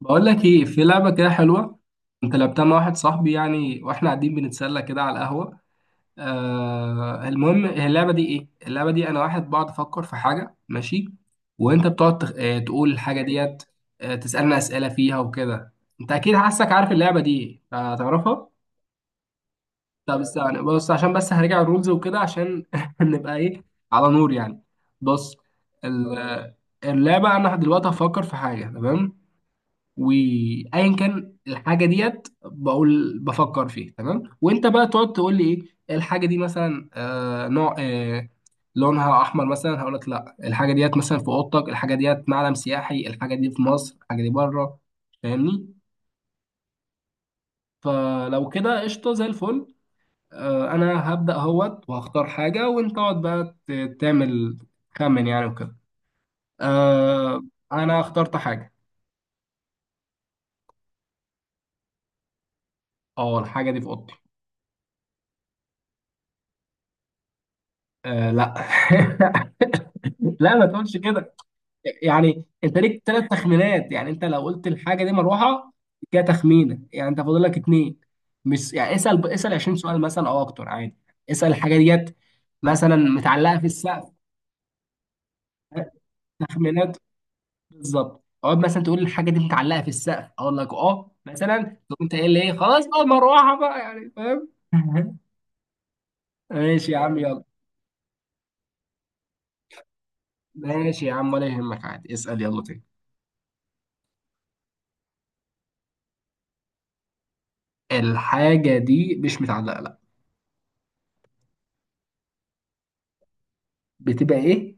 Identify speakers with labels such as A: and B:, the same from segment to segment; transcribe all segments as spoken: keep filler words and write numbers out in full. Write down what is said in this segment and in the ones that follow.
A: بقول لك ايه، في لعبه كده حلوه. انت لعبتها مع واحد صاحبي، يعني واحنا قاعدين بنتسلى كده على القهوه. آه المهم، هي اللعبه دي. ايه اللعبه دي؟ انا واحد بقعد افكر في حاجه، ماشي، وانت بتقعد تخ... آه تقول الحاجه ديت. آه تسالنا اسئله فيها وكده. انت اكيد حاسك عارف اللعبه دي، هتعرفها. طب استنى، بص، عشان بس هرجع الرولز وكده، عشان نبقى ايه، على نور يعني. بص. ال- اللعبه، انا دلوقتي هفكر في حاجه، تمام؟ وايا كان الحاجه ديت، بقول بفكر فيه، تمام، وانت بقى تقعد تقول لي ايه الحاجه دي. مثلا آه نوع، آه لونها احمر مثلا، هقول لك لا. الحاجه ديت مثلا في اوضتك، الحاجه ديت معلم سياحي، الحاجه دي في مصر، الحاجه دي بره. فاهمني؟ فلو كده قشطه زي الفل. آه انا هبدا اهوت وهختار حاجه، وانت اقعد بقى ت- تعمل خمن يعني وكده. آه. انا اخترت حاجه. اه، الحاجه دي في اوضتي. آه لا لا ما تقولش كده، يعني انت ليك ثلاث تخمينات. يعني انت لو قلت الحاجه دي مروحه، كده تخمينه. يعني انت فاضل لك اتنين. مش يعني اسال اسال عشرين سؤال مثلا او اكتر عادي. اسال الحاجه ديت مثلا متعلقه في السقف. تخمينات، بالظبط. اقعد مثلا تقول الحاجه دي متعلقه في السقف، اقول لك اه، مثلا تقوم انت قايل لي ايه، خلاص بقى مروحه بقى. يعني فاهم ماشي يا عم، يلا. ماشي يا عم، ولا يهمك، عادي، اسال يلا تاني. الحاجه دي مش متعلقه، لا. بتبقى ايه؟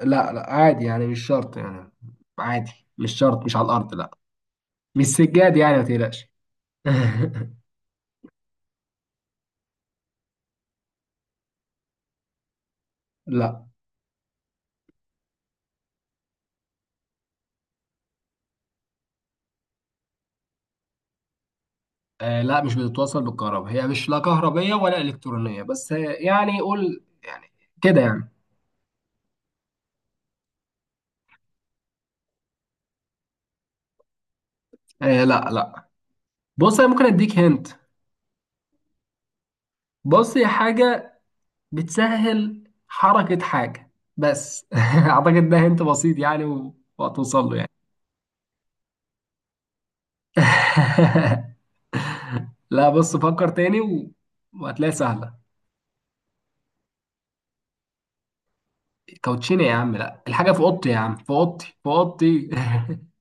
A: لا لا، عادي يعني، مش شرط يعني، عادي، مش شرط، مش على الارض، لا. مش سجاد يعني، ما تقلقش لا. آه لا، مش بتتوصل بالكهرباء. هي مش لا كهربية ولا إلكترونية، بس آه، يعني قول يعني كده يعني. آه لا لا. بص، أنا ممكن أديك هنت. بص، هي حاجة بتسهل حركة حاجة، بس أعتقد ده هنت بسيط يعني، و- وهتوصل له يعني. لا، بص، فكر تاني و- وهتلاقيها سهلة. كوتشينة يا عم؟ لا، الحاجة في أوضتي يا عم، في أوضتي، في أوضتي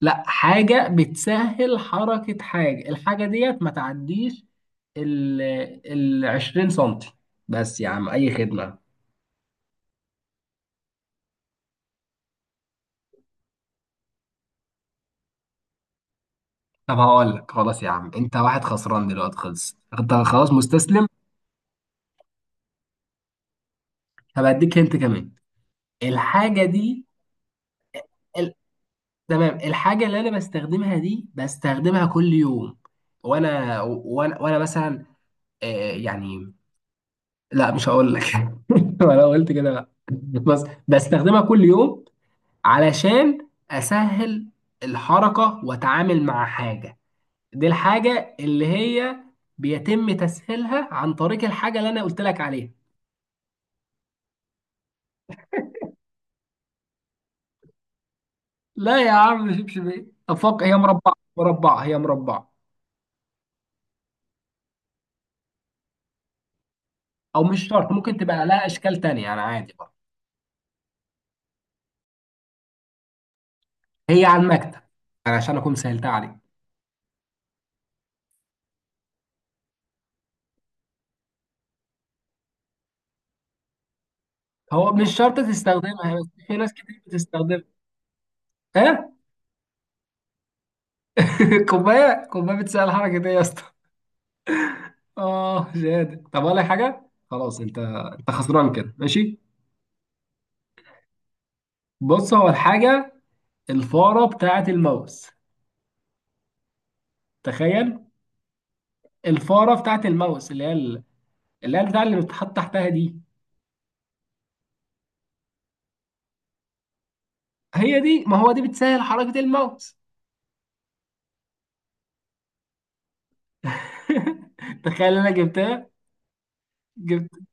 A: لا، حاجة بتسهل حركة حاجة. الحاجة ديت ما تعديش ال ال عشرين سنتي بس يا عم، أي خدمة. طب هقول لك خلاص يا عم، أنت واحد خسران دلوقتي، خلص أنت، خلاص مستسلم. هبقى أديك هنت كمان. الحاجة دي ال... تمام. الحاجة اللي أنا بستخدمها دي بستخدمها كل يوم، وأنا وأنا, وأنا مثلا آه، يعني لا مش هقول لك انا قلت كده، لا. بس بستخدمها كل يوم علشان اسهل الحركه واتعامل مع حاجه. دي الحاجه اللي هي بيتم تسهيلها عن طريق الحاجه اللي انا قلت لك عليها. لا يا عم، شبشب افق؟ هي مربعه مربعه هي مربعه. او مش شرط، ممكن تبقى لها اشكال تانية، انا عادي برضه. هي على المكتب. أنا عشان اكون سهلتها عليك. هو مش شرط تستخدمها، بس في ناس كتير بتستخدمها. كوبايه؟ كوبايه بتسال الحركه دي يا اسطى؟ اه شهاده طب ولا حاجه. خلاص انت، انت خسران كده، ماشي. بص، هو الحاجه الفاره بتاعه الماوس. تخيل. الفاره بتاعه الماوس اللي هي ال- اللي هي بتاع اللي بتتحط تحتها دي. هي دي، ما هو دي بتسهل حركه الماوس. تخيل، انا جبتها. جبت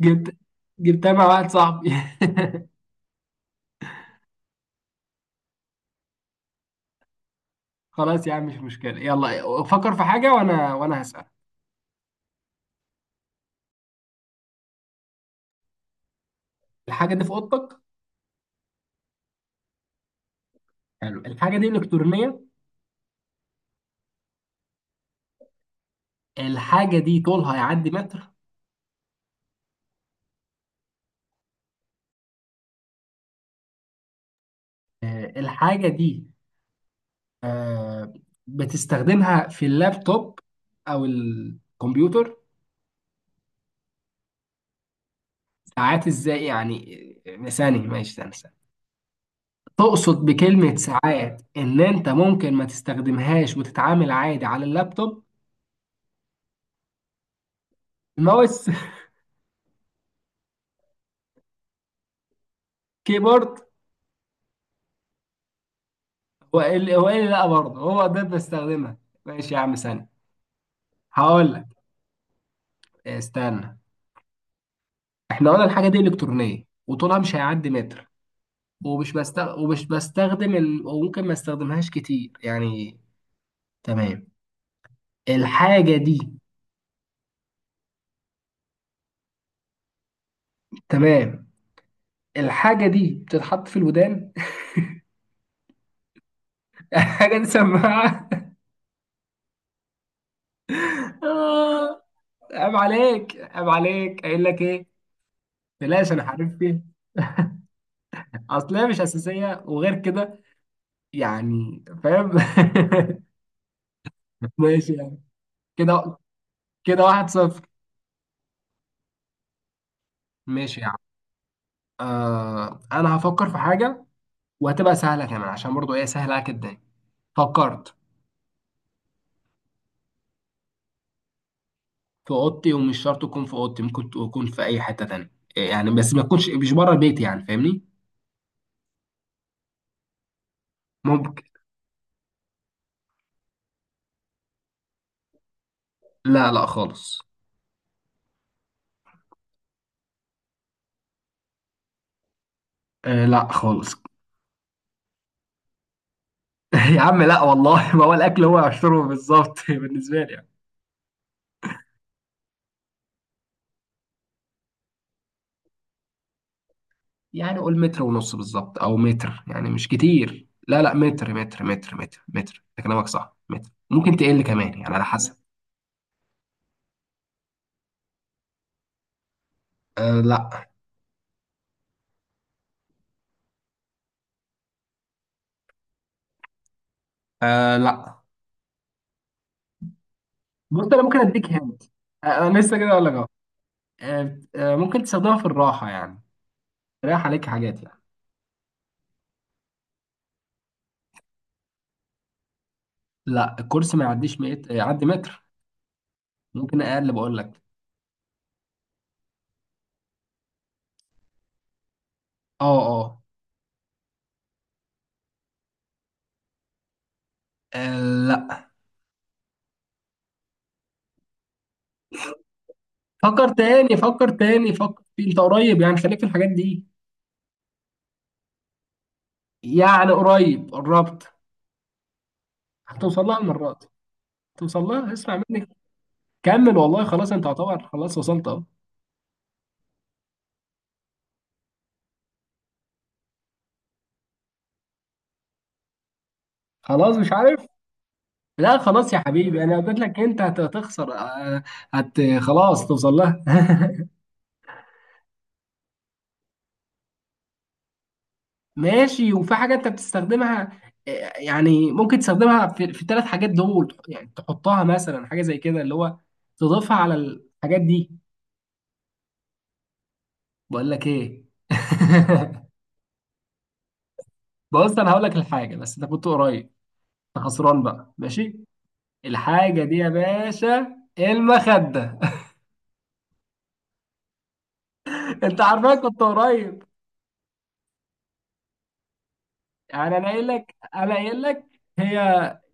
A: جبت جبتها مع واحد صاحبي. خلاص يا عم، مش مشكله. يلا فكر في حاجه، وانا وانا هسال. الحاجه دي في اوضتك؟ حلو. الحاجه دي الكترونيه؟ الحاجة دي طولها يعدي متر؟ آه، الحاجة دي آه، بتستخدمها في اللابتوب أو الكمبيوتر؟ ساعات إزاي يعني؟ آه، ثانية، ماشي، ثانية ثانية. تقصد بكلمة ساعات إن أنت ممكن ما تستخدمهاش وتتعامل عادي على اللابتوب؟ الماوس؟ كيبورد؟ هو إيه اللي، هو إيه اللي لأ برضه هو ده بستخدمها؟ ماشي يا عم، ثانية، هقول لك. آه، استنى. إحنا قلنا الحاجة دي إلكترونية، وطولها مش هيعدي متر، ومش بستغ... ومش بستخدم ال... وممكن ما استخدمهاش كتير يعني. تمام. الحاجة دي تمام. الحاجة دي بتتحط في الودان. حاجة دي سماعة. آه، عيب عليك عيب عليك قايل لك ايه؟ بلاش، انا عارف فين. اصلها مش اساسية وغير كده، يعني فاهم. ماشي يعني. كده، كده واحد صفر، ماشي يعني. آه، انا هفكر في حاجة وهتبقى سهلة كمان عشان برضو ايه، سهلة جدا. فكرت. في اوضتي، ومش شرط تكون في اوضتي، ممكن تكون في اي حته تانية. إيه، يعني بس ما تكونش مش بره البيت، يعني فاهمني. ممكن. لا لا خالص. آه لا خالص. يا عم لا والله، ما هو الاكل هو عشره بالظبط بالنسبه لي يعني. يعني قول متر ونص بالظبط او متر، يعني مش كتير، لا لا، متر متر متر متر متر، انت كلامك صح، متر، ممكن تقل كمان يعني على حسب. آه لا. آه لا. بص، انا ممكن اديك هنت. آه، انا لسه كده اقول لك اهو. آه آه، ممكن تستخدمها في الراحه يعني، تريح عليك حاجات يعني. لا، الكرسي ما يعديش ميت... يعدي متر، ممكن اقل بقول لك. اه اه آه، لا. فكر تاني فكر تاني فكر، في انت قريب يعني، خليك في الحاجات دي. يعني قريب، قربت، هتوصل لها المرة دي. هتوصل لها، اسمع مني، كمل، والله خلاص، انت هتعتبر خلاص وصلت اهو. خلاص مش عارف. لا خلاص يا حبيبي، انا قلت لك انت هت- هتخسر. آه، هت خلاص، توصل لها ماشي، وفي حاجة انت بتستخدمها آه، يعني ممكن تستخدمها في في الثلاث حاجات دول، يعني تحطها مثلا حاجة زي كده اللي هو، تضيفها على الحاجات دي. بقول لك ايه بص، انا هقول لك الحاجة، بس انت كنت قريب، انت خسران بقى، ماشي. الحاجة دي يا باشا المخدة. انت عارفها، كنت قريب. يعني انا قايل لك انا قايل لك. هي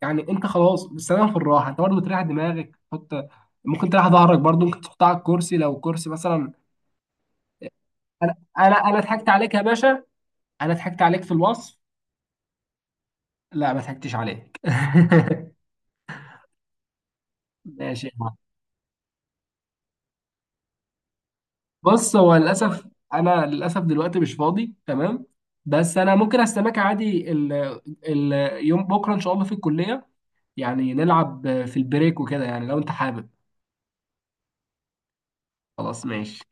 A: يعني انت خلاص بالسلام، في الراحة انت برضه تريح دماغك، تحط، ممكن تريح ظهرك برضه، ممكن تحطها على الكرسي لو الكرسي مثلا. انا انا انا ضحكت عليك يا باشا. انا ضحكت عليك في الوصف. لا، ما ضحكتش عليك. ماشي يا عم. بص هو للاسف، انا للاسف دلوقتي مش فاضي، تمام؟ بس انا ممكن استناك عادي، ال ال يوم بكره ان شاء الله في الكليه، يعني نلعب في البريك وكده يعني لو انت حابب. خلاص ماشي.